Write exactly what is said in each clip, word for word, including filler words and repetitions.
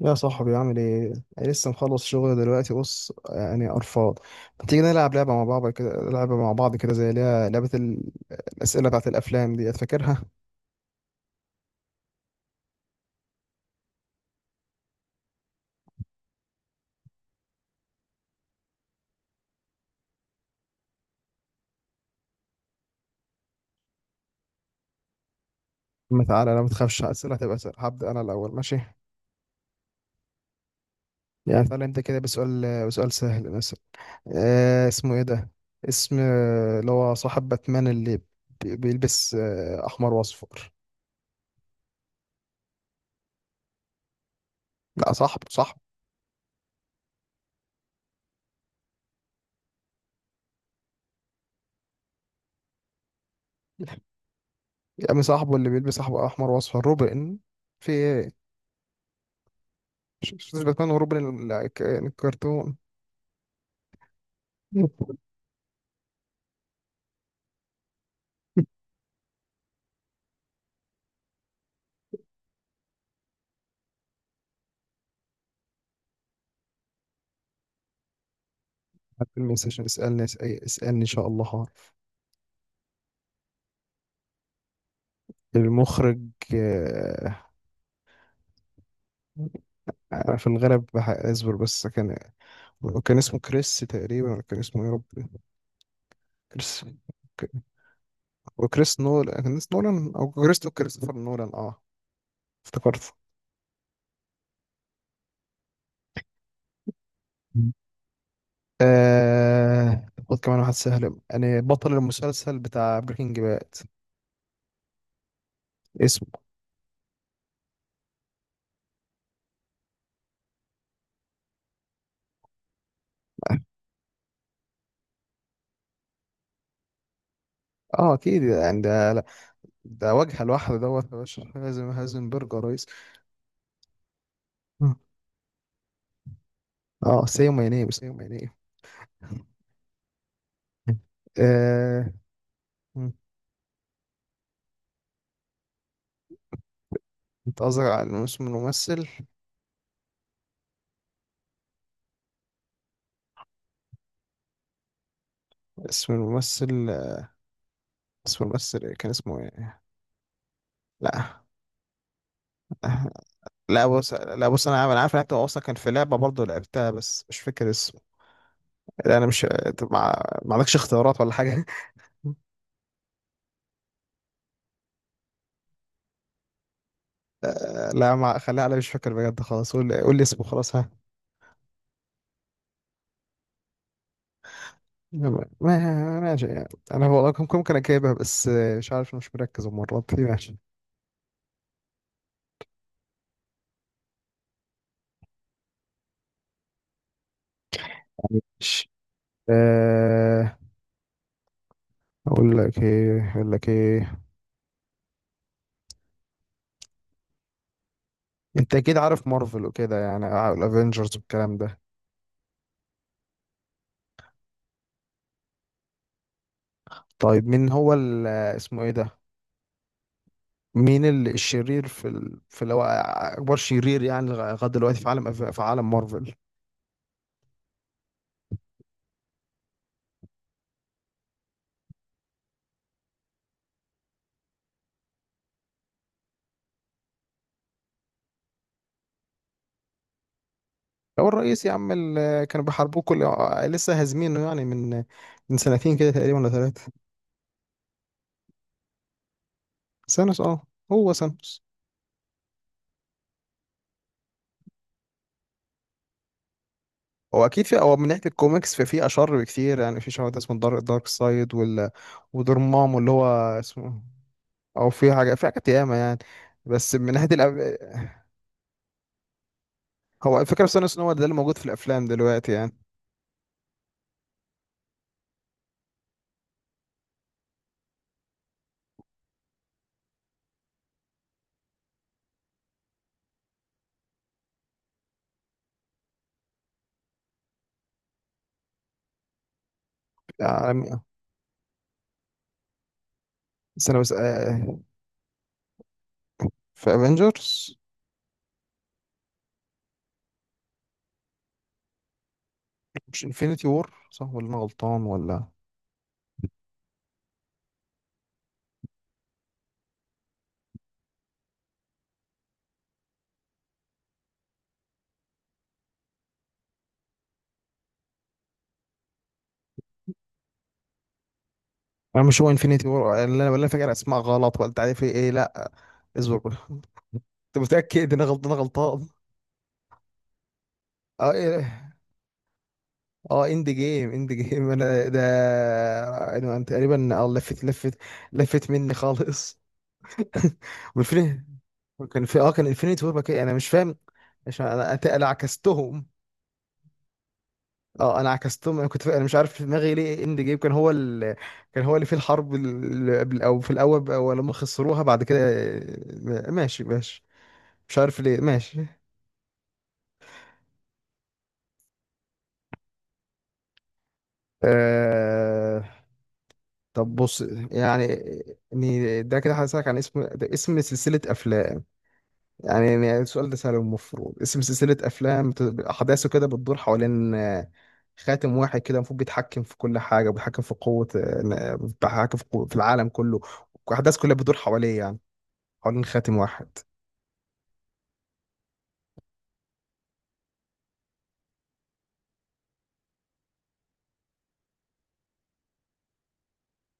يا صاحبي، عامل ايه؟ أنا لسه مخلص شغل دلوقتي، بص يعني قرفان. ما تيجي نلعب لعبة مع بعض كده، لعبة مع بعض كده زي اللي هي لعبة ال- الأسئلة بتاعت الأفلام دي، فاكرها؟ ما تعالى، لا ما تخافش، الأسئلة هتبقى سهلة. هبدأ أنا الأول، ماشي؟ يعني تعالى نبدأ كده بسؤال، بسؤال سهل مثلا. آه اسمه ايه ده؟ اسم آه، اللي هو صاحب باتمان، اللي بي- بيلبس آه، أحمر وأصفر. لا، صاحبه صاحبه. يا عم صاحبه، اللي بيلبس أحمر وأصفر، روبن. في إيه؟ شخصية باتمان وروبن، ال- الك- الكرتون. حد الميس عشان اسألني، اسأ- اسألني إن شاء الله هعرف. المخرج، آه، أنا في الغالب بح- أصبر، بس كان، كان اسمه كريس تقريبا، ولا كان اسمه، يا رب. كريس، ك- وكريس نولان، كان اسمه نولان، أو كريس، كريستوفر نولان. اه افتكرت. آه... خد كمان واحد سهل، يعني بطل المسلسل بتاع بريكنج باد. اسمه، اه آه، اكيد يعني ده، ده وجه لوحده، دوت يا باشا، هازم هازمبرج يا ريس. اه، سيما ينيب، سيما ينيب. آه. مم. انت قصدك على اسم الممثل؟ اسم الممثل، اسم الممثل إيه؟ كان اسمه ايه؟ لا. لا بص، لا بص، انا عارف، انا عارف إن انت اصلا كان في لعبه برضه لعبتها، بس مش فاكر اسمه. لا انا مش، طب ما ما عندكش اختيارات ولا حاجه؟ آه، لا، ما خليها على مش فاكر بجد، خلاص قول لي، قول لي اسمه خلاص، ها. ما ماشي يعني. انا والله كم- ممكن اجيبها، بس آه، مش عارف، مش مركز المره دي، ماشي. مش آه، اقول لك ايه، اقول لك ايه انت اكيد عارف مارفل وكده، يعني آه، الافينجرز والكلام ده. طيب، مين هو ال- آه، اسمه ايه ده؟ مين ال- الشرير في ال... في اللي هو اكبر شرير يعني لغايه دلوقتي في عالم، أف- في عالم مارفل؟ هو الرئيس يا عم اللي كانوا بيحاربوه كل، آه، لسه هازمينه يعني من، آه، من سنتين كده تقريبا ولا ثلاثه. سانوس، اه، هو سانوس. هو اكيد في، هو من ناحيه الكوميكس ففي اشر بكتير، يعني في شهر اسمه الدارك، دارك سايد، وال ودورمامو اللي هو اسمه، او في حاجه في حاجات ياما يعني، بس من ناحيه الأب... هو الفكره بس ان هو ده اللي موجود في الافلام دلوقتي يعني. عالم- بس انا بس آه، في افنجرز، مش انفينيتي وور، صح ولا انا غلطان ولا؟ انا مش، هو انفينيتي وور اللي انا، ولا فاكر اسماء غلط، ولا تعرف ايه؟ لا اصبر بقى. انت متاكد ان انا غلطان؟ أنا غلطان؟ اه، إيه. اه، اند جيم، اند جيم انا ده، انا، أنا تقريبا، اه، لفت، لفت لفت مني خالص. والفيلم كان في، اه كان انفينيتي وور كده، انا مش فاهم. عشان انا، أت- انا عكستهم، اه انا عكستهم. انا كنت فا... انا مش عارف في دماغي ليه اند جيم كان هو ال... كان هو اللي فيه الحرب، ال- قبل او في الاول بقى، ولما خسروها بعد كده، آه، ماشي ماشي، مش عارف ليه، ماشي. آه... طب بص، يعني، إني- ده كده هسألك عن اسم، ده اسم سلسلة افلام. يعني يعني السؤال ده سهل، المفروض اسم سلسلة أفلام بت- أحداثه كده بتدور حوالين، آه، خاتم واحد كده، المفروض بيتحكم في كل حاجة، وبيتحكم في قوة، آه، بيتحكم في قوة في العالم كله، وأحداث كلها بتدور حواليه يعني، حوالين خاتم واحد.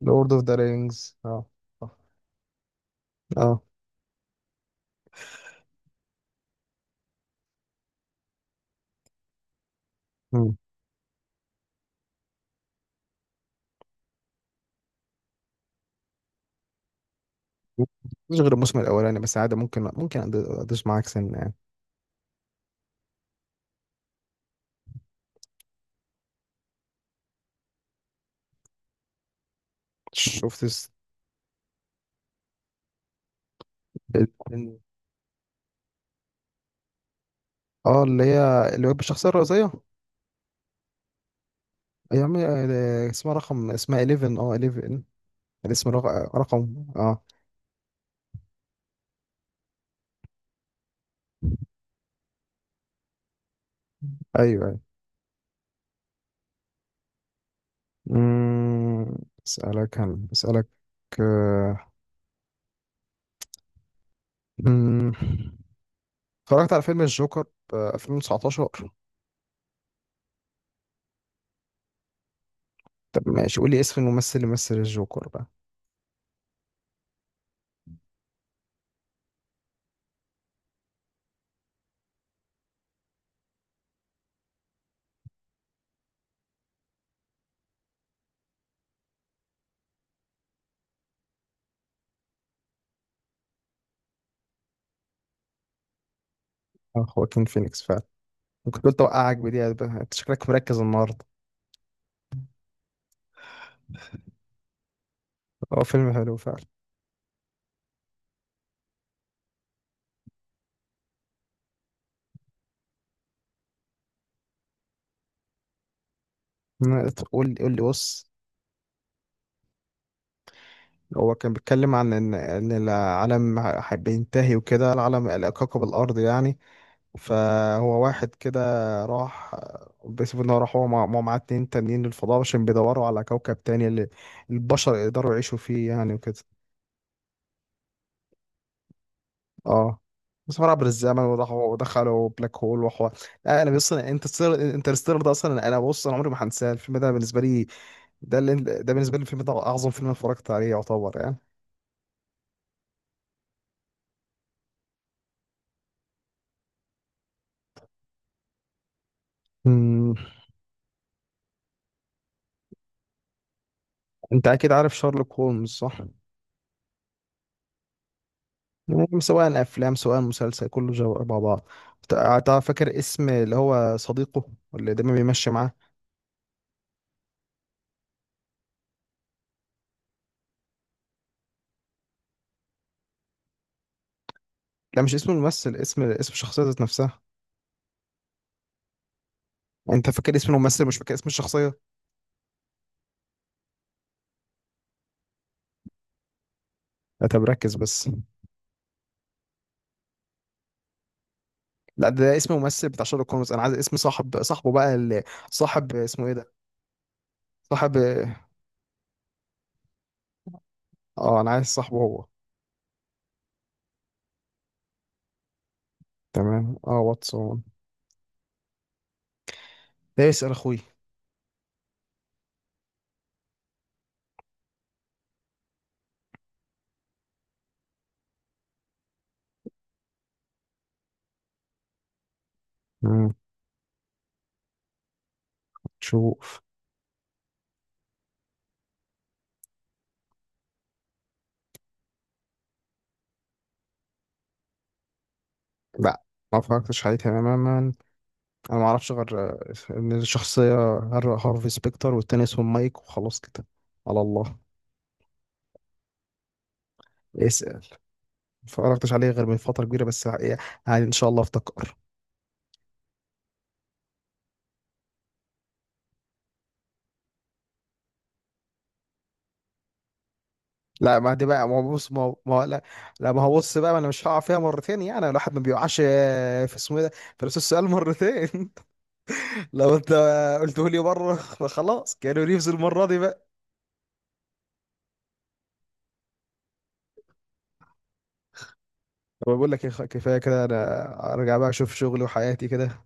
لورد اوف ذا رينجز، اه، اه. آه. مم. مش غير الموسم الأولاني، بس عادي، ممكن، ممكن أد- أدوس معاك سنة يعني. شفت الس- ال- اه اللي هي، اللي هو بالشخصية الرئيسية، أيام، آه، اسمها رقم، اسمها احداشر اه احداشر. الاسم رق- رقم، اه. ايوه ايوه. مم، اسالك، هن اسالك، آه، مم، اتفرجت على فيلم الجوكر في ألفين وتسعة عشر؟ طب ماشي، قول لي اسم الممثل اللي مثل الجوكر بقى. آه، خواكين فينيكس، فعلا. ممكن تقول توقعك بدي بقى، انت شكلك مركز النهارده. هو فيلم حلو فعلا. مم، قول لي، قول لي بص. هو كان بيتكلم عن ان، ان العالم ه- بينتهي وكده، العالم، كوكب الارض يعني، فهو واحد كده راح، بيسبب ان هو راح، هو مع- مع معاه اتنين تانيين للفضاء، عشان بيدوروا على كوكب تاني اللي البشر يقدروا يعيشوا فيه يعني، وكده. اه، بس هو عبر الزمن، وراحوا ودخلوا بلاك هول وحوار. لا انا بص، انا انترستيلر، انترستيلر ده اصلا، انا بص، انا عمري ما هنساه، الفيلم ده بالنسبه لي، ده اللي ده بالنسبه لي، الفيلم ده اعظم فيلم أنا اتفرجت عليه يعتبر يعني. أمم، انت اكيد عارف شارلوك هولمز، صح؟ يعني سواء افلام سواء مسلسل، كله جو مع بعض. تع- تع- فاكر اسم اللي هو صديقه، اللي دايما بيمشي معاه؟ لا، مش اسم الممثل، اسم، اسم الشخصيه ذات نفسها. انت فاكر اسم الممثل، مش فاكر اسم الشخصيه. لا طب ركز بس. لا، ده اسم ممثل بتاع شارلوك هولمز، انا عايز اسم صاحب، صاحبه بقى اللي صاحب اسمه ايه ده، صاحب، اه انا عايز صاحبه هو. تمام، اه، واتسون. ده يسأل اخوي. مم. شوف. لا، ما فكرتش عليه تماما. انا ما اعرفش غير، آه، ان الشخصيه، هر- هارفي سبيكتر، والتاني اسمه مايك، وخلاص كده، على الله. اس ما اتفرجتش عليه غير من فتره كبيره، بس يعني، يعني ان شاء الله افتكر. لا، ما دي بقى، ما هو بص، ما هو ما هو- لا، لا ما هو بص بقى، ما انا مش هقع فيها مرتين، يعني الواحد ما بيوقعش، آه، في اسمه ايه ده في نفس السؤال مرتين. لو انت قلته لي مره، خلاص كانوا ريفز المره دي بقى. طب بقول لك إيه، خ- كفايه كده، انا ارجع بقى اشوف شغلي وحياتي كده.